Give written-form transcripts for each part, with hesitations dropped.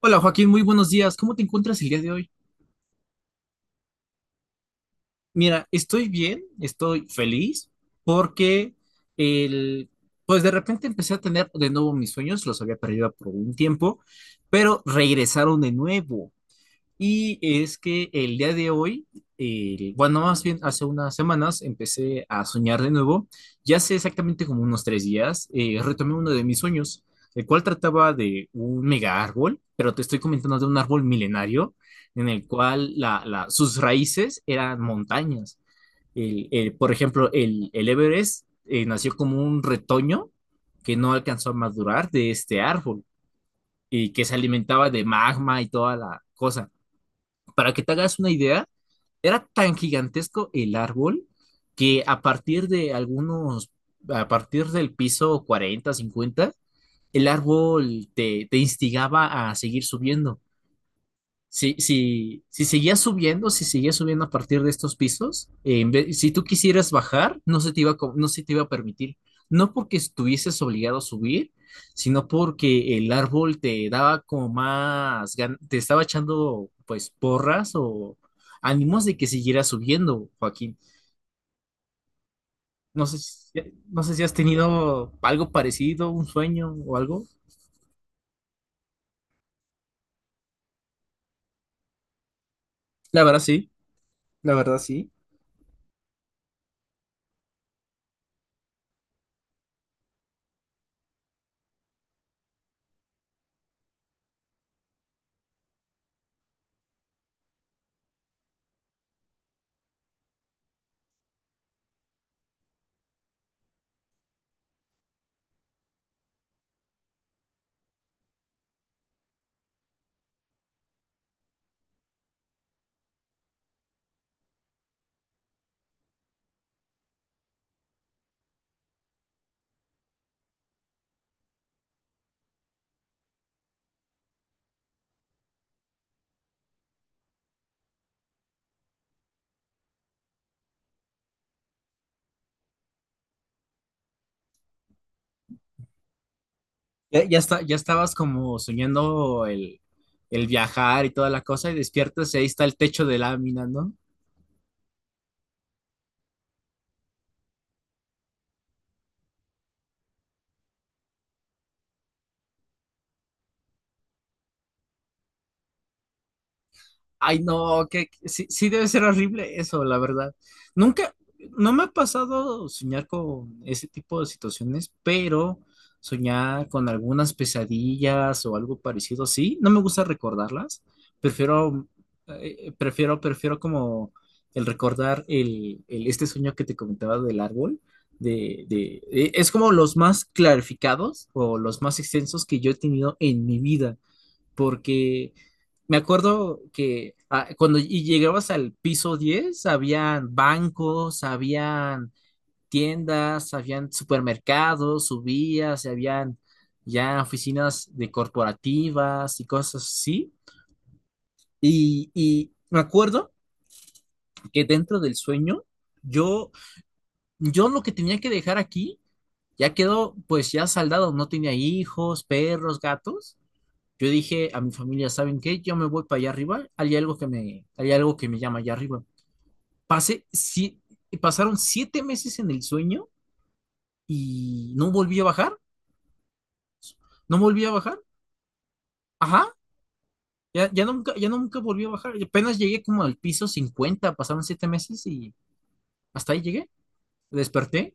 Hola Joaquín, muy buenos días. ¿Cómo te encuentras el día de hoy? Mira, estoy bien, estoy feliz porque el, pues de repente empecé a tener de nuevo mis sueños, los había perdido por un tiempo, pero regresaron de nuevo. Y es que el día de hoy, bueno, más bien hace unas semanas empecé a soñar de nuevo. Ya hace exactamente como unos tres días, retomé uno de mis sueños, el cual trataba de un mega árbol, pero te estoy comentando de un árbol milenario en el cual sus raíces eran montañas. Por ejemplo, el Everest nació como un retoño que no alcanzó a madurar de este árbol y que se alimentaba de magma y toda la cosa. Para que te hagas una idea, era tan gigantesco el árbol que a partir de algunos, a partir del piso 40, 50, el árbol te instigaba a seguir subiendo. Si seguías subiendo, si seguías subiendo a partir de estos pisos, si tú quisieras bajar, no se te iba no se te iba a permitir. No porque estuvieses obligado a subir, sino porque el árbol te daba como te estaba echando pues porras o ánimos de que siguieras subiendo, Joaquín. No sé si, no sé si has tenido algo parecido, un sueño o algo. La verdad sí, la verdad sí. Ya, ya está, ya estabas como soñando el viajar y toda la cosa, y despiertas y ahí está el techo de lámina, ¿no? Ay, no, que sí, sí debe ser horrible eso, la verdad. Nunca, no me ha pasado soñar con ese tipo de situaciones, pero soñar con algunas pesadillas o algo parecido, sí, no me gusta recordarlas. Prefiero, Prefiero como el recordar este sueño que te comentaba del árbol, es como los más clarificados o los más extensos que yo he tenido en mi vida porque me acuerdo que cuando y llegabas al piso 10 habían bancos, habían tiendas, habían supermercados, subías, y habían ya oficinas de corporativas y cosas así. Y me acuerdo que dentro del sueño, yo, yo lo que tenía que dejar aquí ya quedó, pues ya saldado, no tenía hijos, perros, gatos. Yo dije a mi familia, ¿saben qué? Yo me voy para allá arriba, hay algo que me llama allá arriba. Pasé, si, Pasaron siete meses en el sueño y no volví a bajar, no volví a bajar, ajá, ya nunca volví a bajar, apenas llegué como al piso 50. Pasaron siete meses y hasta ahí llegué, desperté.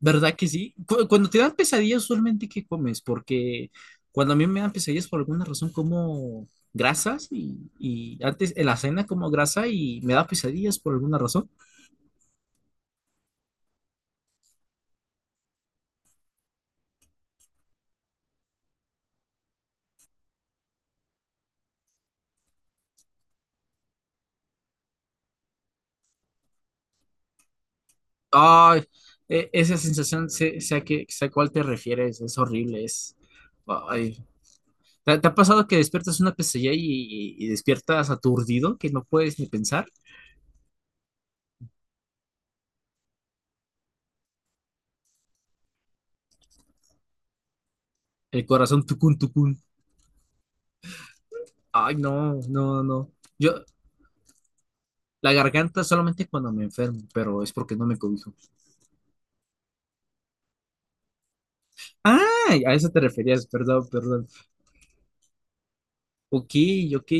¿Verdad que sí? Cuando te dan pesadillas, usualmente, ¿qué comes? Porque cuando a mí me dan pesadillas, por alguna razón como grasas y antes en la cena como grasa y me da pesadillas por alguna razón. Ay, esa sensación, sé, sé a cuál te refieres, es horrible, es... ay. ¿Te ha pasado que despiertas una pesadilla y despiertas aturdido, que no puedes ni pensar? El corazón tucún, tucún. Ay, no, no, no. Yo, la garganta solamente cuando me enfermo, pero es porque no me cobijo. Ah, a eso te referías, perdón, perdón. Ok, ok.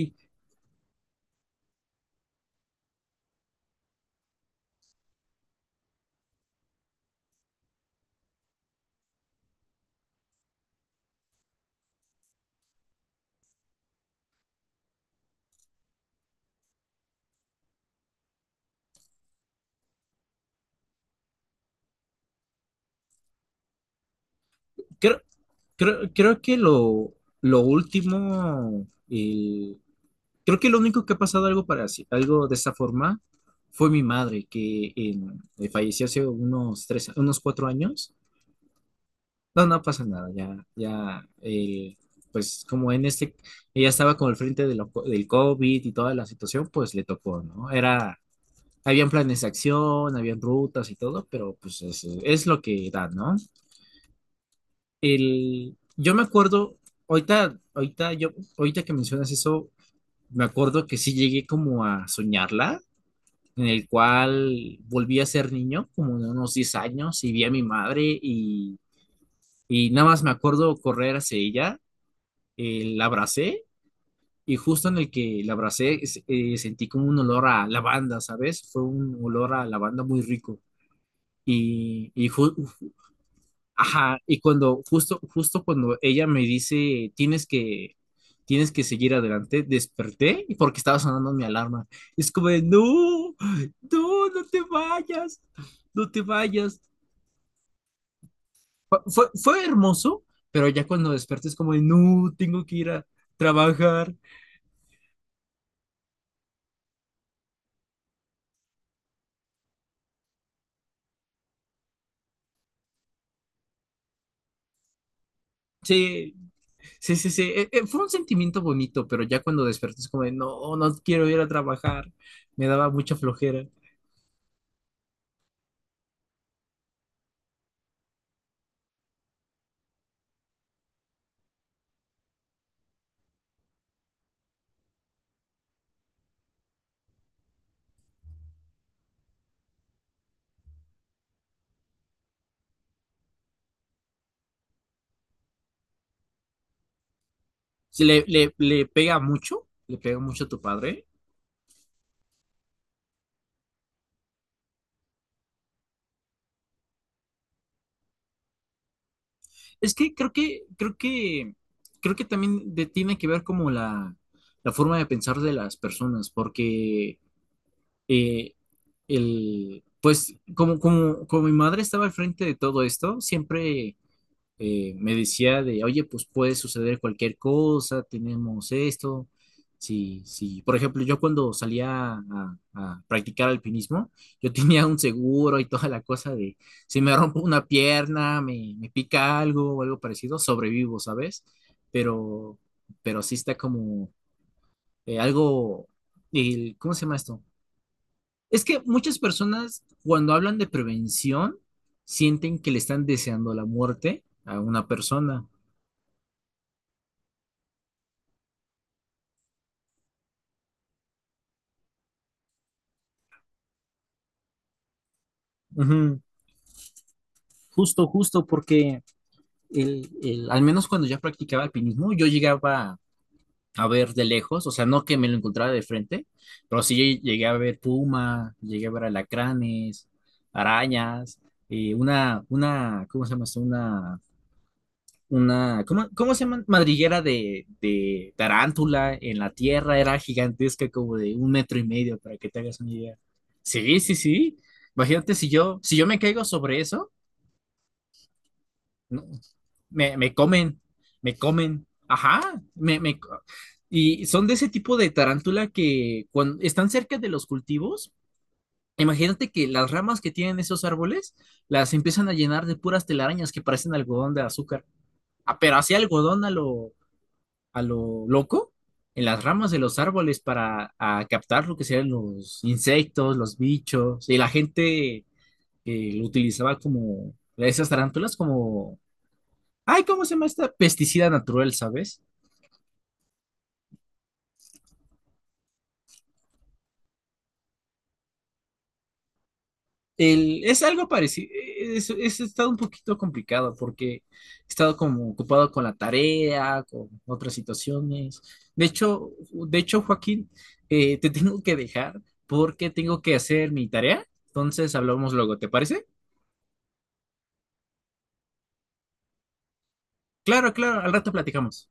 Creo, Creo que lo último, el- creo que lo único que ha pasado algo algo de esta forma fue mi madre, falleció hace unos tres, unos cuatro años. No, no pasa nada, pues ella estaba con el frente de del COVID y toda la situación, pues le tocó, ¿no? Era. Habían planes de acción, habían rutas y todo, pero pues es lo que da, ¿no? Yo me acuerdo, ahorita, ahorita, yo, ahorita que mencionas eso, me acuerdo que sí llegué como a soñarla, en el cual volví a ser niño, como de unos 10 años, y vi a mi madre y nada más me acuerdo correr hacia ella, la abracé y justo en el que la abracé sentí como un olor a lavanda, ¿sabes? Fue un olor a lavanda muy rico. Y, y ju- Ajá, y cuando, justo cuando ella me dice, tienes que seguir adelante, desperté y porque estaba sonando mi alarma. Es como de, no, no te vayas, no te vayas. Fue hermoso, pero ya cuando desperté es como de, no, tengo que ir a trabajar. Sí, sí, sí, sí. Fue un sentimiento bonito, pero ya cuando desperté es como de, no, no quiero ir a trabajar. Me daba mucha flojera. Sí, le pega mucho a tu padre. Es que creo que también tiene que ver como la forma de pensar de las personas, porque eh, pues como mi madre estaba al frente de todo esto, siempre me decía de, oye, pues puede suceder cualquier cosa, tenemos esto. Sí, sí. Por ejemplo, yo cuando salía a practicar alpinismo, yo tenía un seguro y toda la cosa de, si me rompo una pierna, me pica algo o algo parecido, sobrevivo, ¿sabes? Pero, pero sí está como eh, algo, ¿cómo se llama esto? Es que muchas personas cuando hablan de prevención sienten que le están deseando la muerte a una persona. Ujú. Justo, porque al menos cuando ya practicaba alpinismo, yo llegaba a ver de lejos, o sea, no que me lo encontrara de frente, pero sí llegué a ver puma, llegué a ver alacranes, arañas, ¿cómo se llama esto? ¿Cómo, cómo se llama? Madriguera de tarántula en la tierra, era gigantesca, como de un metro y medio, para que te hagas una idea. Sí, sí, sí. Imagínate si yo, si yo me caigo sobre eso. No, me, me comen, me comen, ajá, me, me, co- y son de ese tipo de tarántula que cuando están cerca de los cultivos, imagínate que las ramas que tienen esos árboles las empiezan a llenar de puras telarañas que parecen algodón de azúcar. Ah, pero así algodón a lo loco, en las ramas de los árboles para a captar lo que serían los insectos, los bichos, y la gente que lo utilizaba como esas tarántulas como... Ay, ¿cómo se llama esta? Pesticida natural, ¿sabes? Es algo parecido, es estado un poquito complicado porque he estado como ocupado con la tarea, con otras situaciones. Joaquín, te tengo que dejar porque tengo que hacer mi tarea. Entonces hablamos luego, ¿te parece? Claro, claro, al rato platicamos.